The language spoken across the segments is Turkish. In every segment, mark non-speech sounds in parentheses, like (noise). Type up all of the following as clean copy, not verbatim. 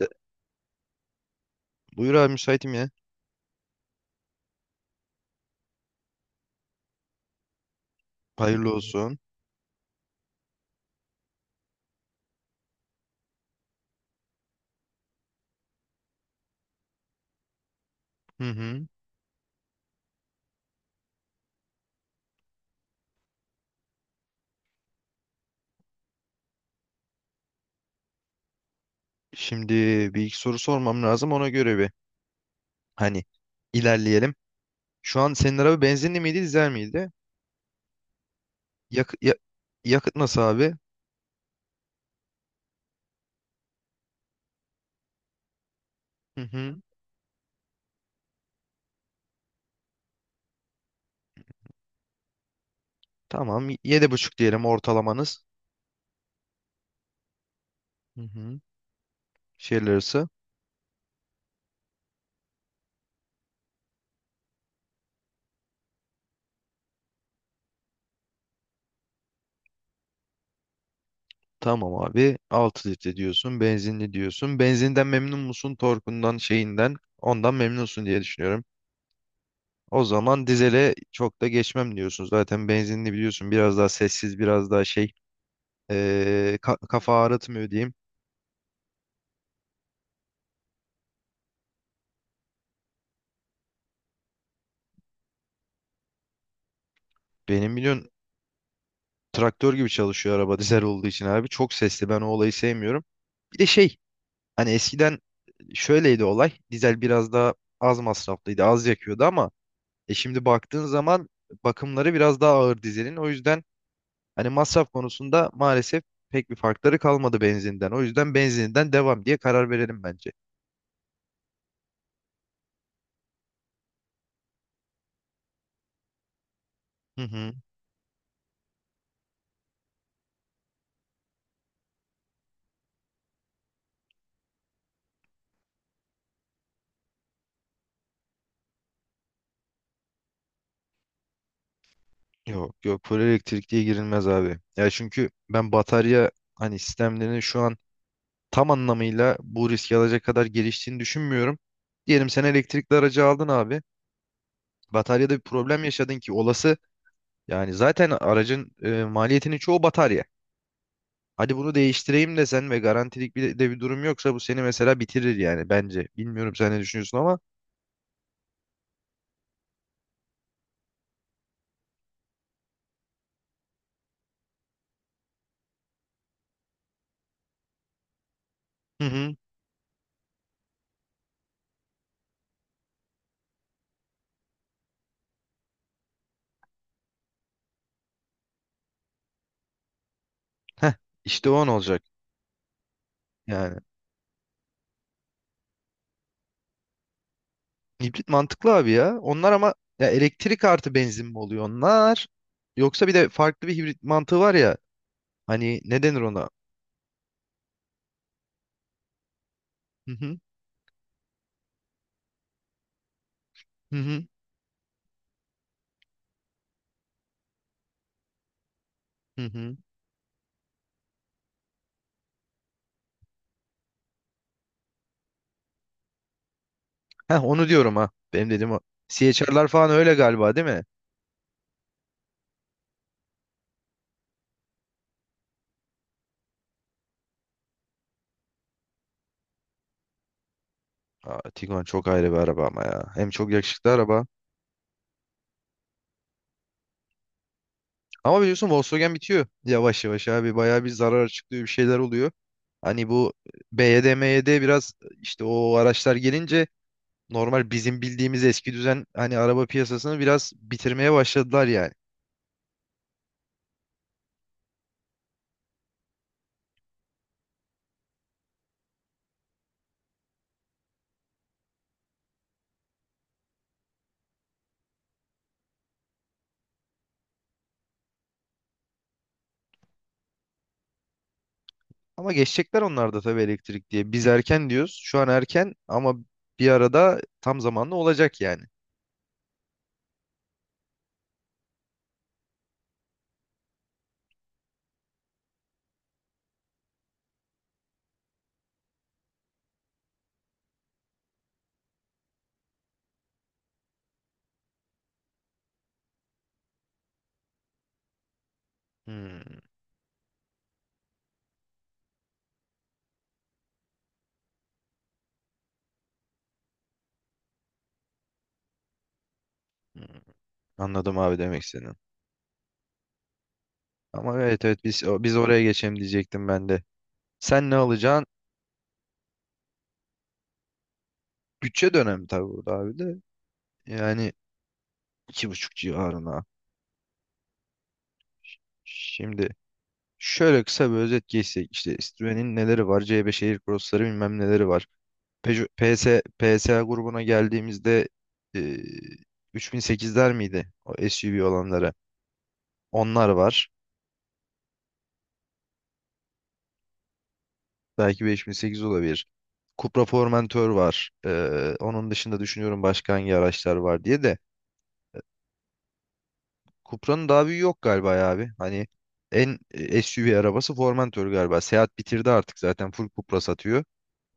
E, Buyur abi, müsaitim ya. Hayırlı olsun. Hı hı. Şimdi bir iki soru sormam lazım, ona göre bir hani ilerleyelim. Şu an senin araba benzinli miydi, dizel miydi? Yak ya- Yakıt nasıl abi? Hı hı. Tamam. Yedi buçuk diyelim ortalamanız. Hı hı. Şehirler arası. Tamam abi, 6 litre diyorsun. Benzinli diyorsun. Benzinden memnun musun? Torkundan, şeyinden. Ondan memnunsun diye düşünüyorum. O zaman dizele çok da geçmem diyorsun. Zaten benzinli biliyorsun, biraz daha sessiz, biraz daha şey... Kafa ağrıtmıyor diyeyim. Benim biliyorsun traktör gibi çalışıyor araba (laughs) dizel olduğu için abi. Çok sesli, ben o olayı sevmiyorum. Bir de şey, hani eskiden şöyleydi olay. Dizel biraz daha az masraflıydı, az yakıyordu ama şimdi baktığın zaman bakımları biraz daha ağır dizelin. O yüzden hani masraf konusunda maalesef pek bir farkları kalmadı benzinden. O yüzden benzininden devam diye karar verelim bence. Hı hı. Yok yok, full elektrikliye girilmez abi. Ya çünkü ben batarya hani sistemlerini şu an tam anlamıyla bu riski alacak kadar geliştiğini düşünmüyorum. Diyelim sen elektrikli aracı aldın abi. Bataryada bir problem yaşadın ki olası. Yani zaten aracın maliyetinin çoğu batarya. Hadi bunu değiştireyim desen ve garantilik bir de bir durum yoksa bu seni mesela bitirir yani bence. Bilmiyorum sen ne düşünüyorsun ama. Hı hı. Heh, işte o an olacak yani. Hibrit mantıklı abi ya. Onlar ama, ya elektrik artı benzin mi oluyor onlar? Yoksa bir de farklı bir hibrit mantığı var ya. Hani ne denir ona? Hı hı. Hı hı. Hı hı. Heh, onu diyorum ha. Benim dediğim o. CHR'lar falan öyle galiba, değil mi? Aa, Tiguan çok ayrı bir araba ama ya. Hem çok yakışıklı araba. Ama biliyorsun Volkswagen bitiyor. Yavaş yavaş abi. Bayağı bir zarar açıklıyor, bir şeyler oluyor. Hani bu BYD, MYD biraz, işte o araçlar gelince normal bizim bildiğimiz eski düzen hani araba piyasasını biraz bitirmeye başladılar yani. Ama geçecekler onlar da tabii elektrik diye. Biz erken diyoruz. Şu an erken ama bir arada tam zamanlı olacak yani. Hmm, hmm. Anladım abi demek seni. Ama evet evet, biz oraya geçelim diyecektim ben de. Sen ne alacaksın? Bütçe dönemi tabii burada abi de. Yani iki buçuk civarına. Şimdi şöyle kısa bir özet geçsek. İşte Citroen'in neleri var? C5 Air Cross'ları bilmem neleri var. Peugeot, PS, PSA grubuna geldiğimizde e, 3008'ler miydi? O SUV olanlara. Onlar var. Belki 5008 olabilir. Cupra Formentor var. Onun dışında düşünüyorum başka hangi araçlar var diye de. Cupra'nın daha büyüğü yok galiba ya abi. Hani en SUV arabası Formentor galiba. Seat bitirdi artık, zaten full Cupra satıyor.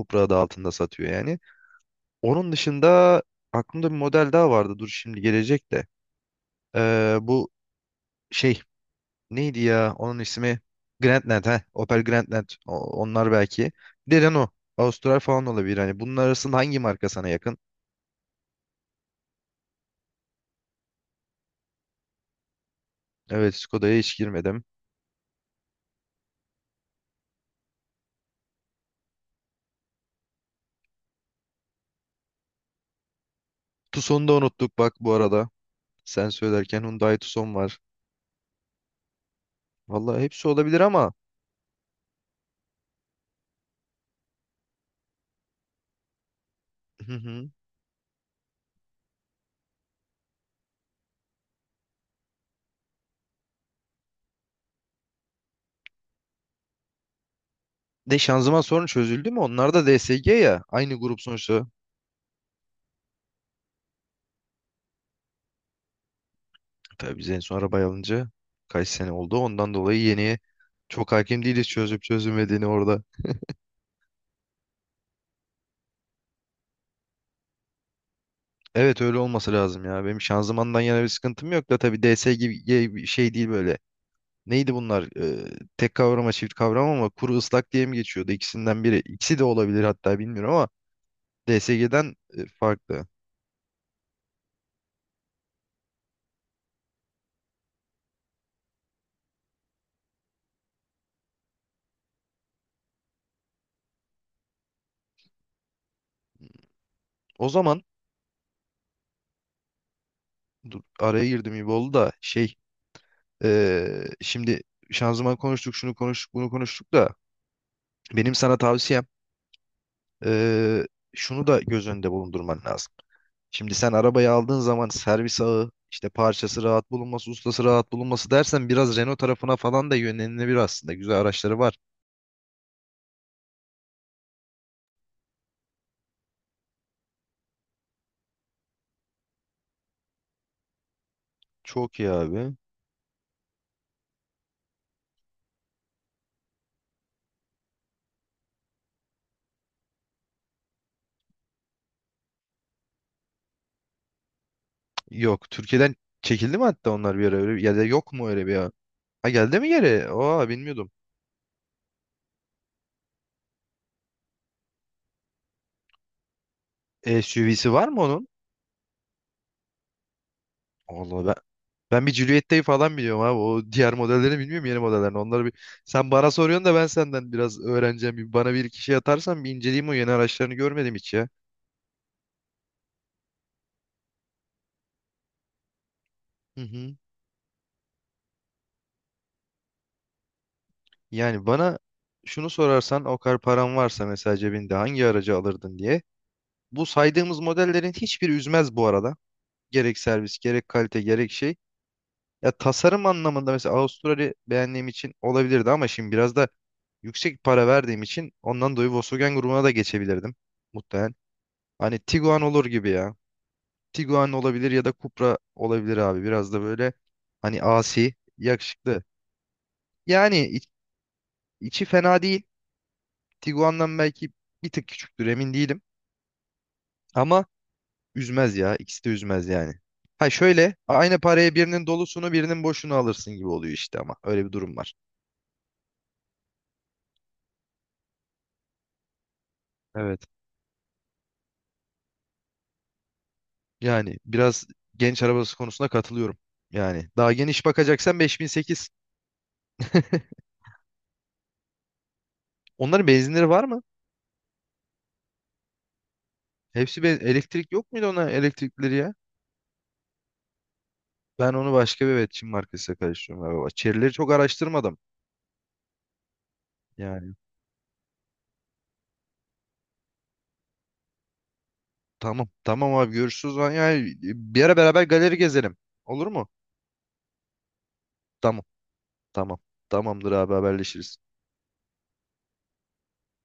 Cupra adı altında satıyor yani. Onun dışında aklımda bir model daha vardı. Dur şimdi gelecek de. Bu şey neydi ya? Onun ismi Grandland. Heh, Opel Grandland. Onlar belki. Bir de Renault. Austral falan olabilir. Hani bunun arasında hangi marka sana yakın? Evet Skoda'ya hiç girmedim. Tucson'u da unuttuk bak bu arada. Sen söylerken Hyundai Tucson var. Vallahi hepsi olabilir ama... Hı hı. De şanzıman sorunu çözüldü mü? Onlar da DSG ya. Aynı grup sonuçta. Tabii biz en son arabayı alınca kaç sene oldu. Ondan dolayı yeniye çok hakim değiliz, çözüp çözülmediğini orada. Evet öyle olması lazım ya. Benim şanzımandan yana bir sıkıntım yok da tabii DS gibi gibi bir şey değil böyle. Neydi bunlar? Tek kavrama çift kavrama ama kuru ıslak diye mi geçiyordu? İkisinden biri. İkisi de olabilir hatta, bilmiyorum ama DSG'den farklı. O zaman dur, araya girdim gibi oldu da şey... Şimdi şanzıman konuştuk, şunu konuştuk, bunu konuştuk da benim sana tavsiyem, ee, şunu da göz önünde bulundurman lazım. Şimdi sen arabayı aldığın zaman servis ağı, işte parçası rahat bulunması, ustası rahat bulunması dersen biraz Renault tarafına falan da yönlenilebilir aslında. Güzel araçları var. Çok iyi abi. Yok, Türkiye'den çekildi mi hatta onlar bir ara, öyle ya da yok mu öyle bir ya? Ha geldi mi geri? Oha, bilmiyordum. SUV'si var mı? Vallahi ben bir Juliet'teyi falan biliyorum abi. O diğer modelleri bilmiyorum, yeni modellerini. Onları bir sen bana soruyorsun da ben senden biraz öğreneceğim. Bana bir iki şey atarsan bir inceleyeyim, o yeni araçlarını görmedim hiç ya. Hı hı. Yani bana şunu sorarsan o kadar paran varsa mesela cebinde hangi aracı alırdın diye. Bu saydığımız modellerin hiçbiri üzmez bu arada. Gerek servis, gerek kalite, gerek şey. Ya tasarım anlamında mesela Avustralya beğendiğim için olabilirdi ama şimdi biraz da yüksek para verdiğim için ondan dolayı Volkswagen grubuna da geçebilirdim muhtemelen. Hani Tiguan olur gibi ya. Tiguan olabilir ya da Cupra olabilir abi. Biraz da böyle, hani asi, yakışıklı. Yani içi fena değil. Tiguan'dan belki bir tık küçüktür, emin değilim. Ama üzmez ya. İkisi de üzmez yani. Ha şöyle aynı paraya birinin dolusunu birinin boşunu alırsın gibi oluyor işte, ama öyle bir durum var. Evet. Yani biraz genç arabası konusunda katılıyorum. Yani daha geniş bakacaksan 5008. (laughs) Onların benzinleri var mı? Hepsi, ben elektrik yok muydu ona elektrikleri ya? Ben onu başka bir evet Çin markasıyla karıştırıyorum galiba. Çerileri çok araştırmadım. Yani tamam tamam abi görüşürüz. Lan. Yani bir ara beraber galeri gezelim. Olur mu? Tamam tamam. Tamamdır abi haberleşiriz.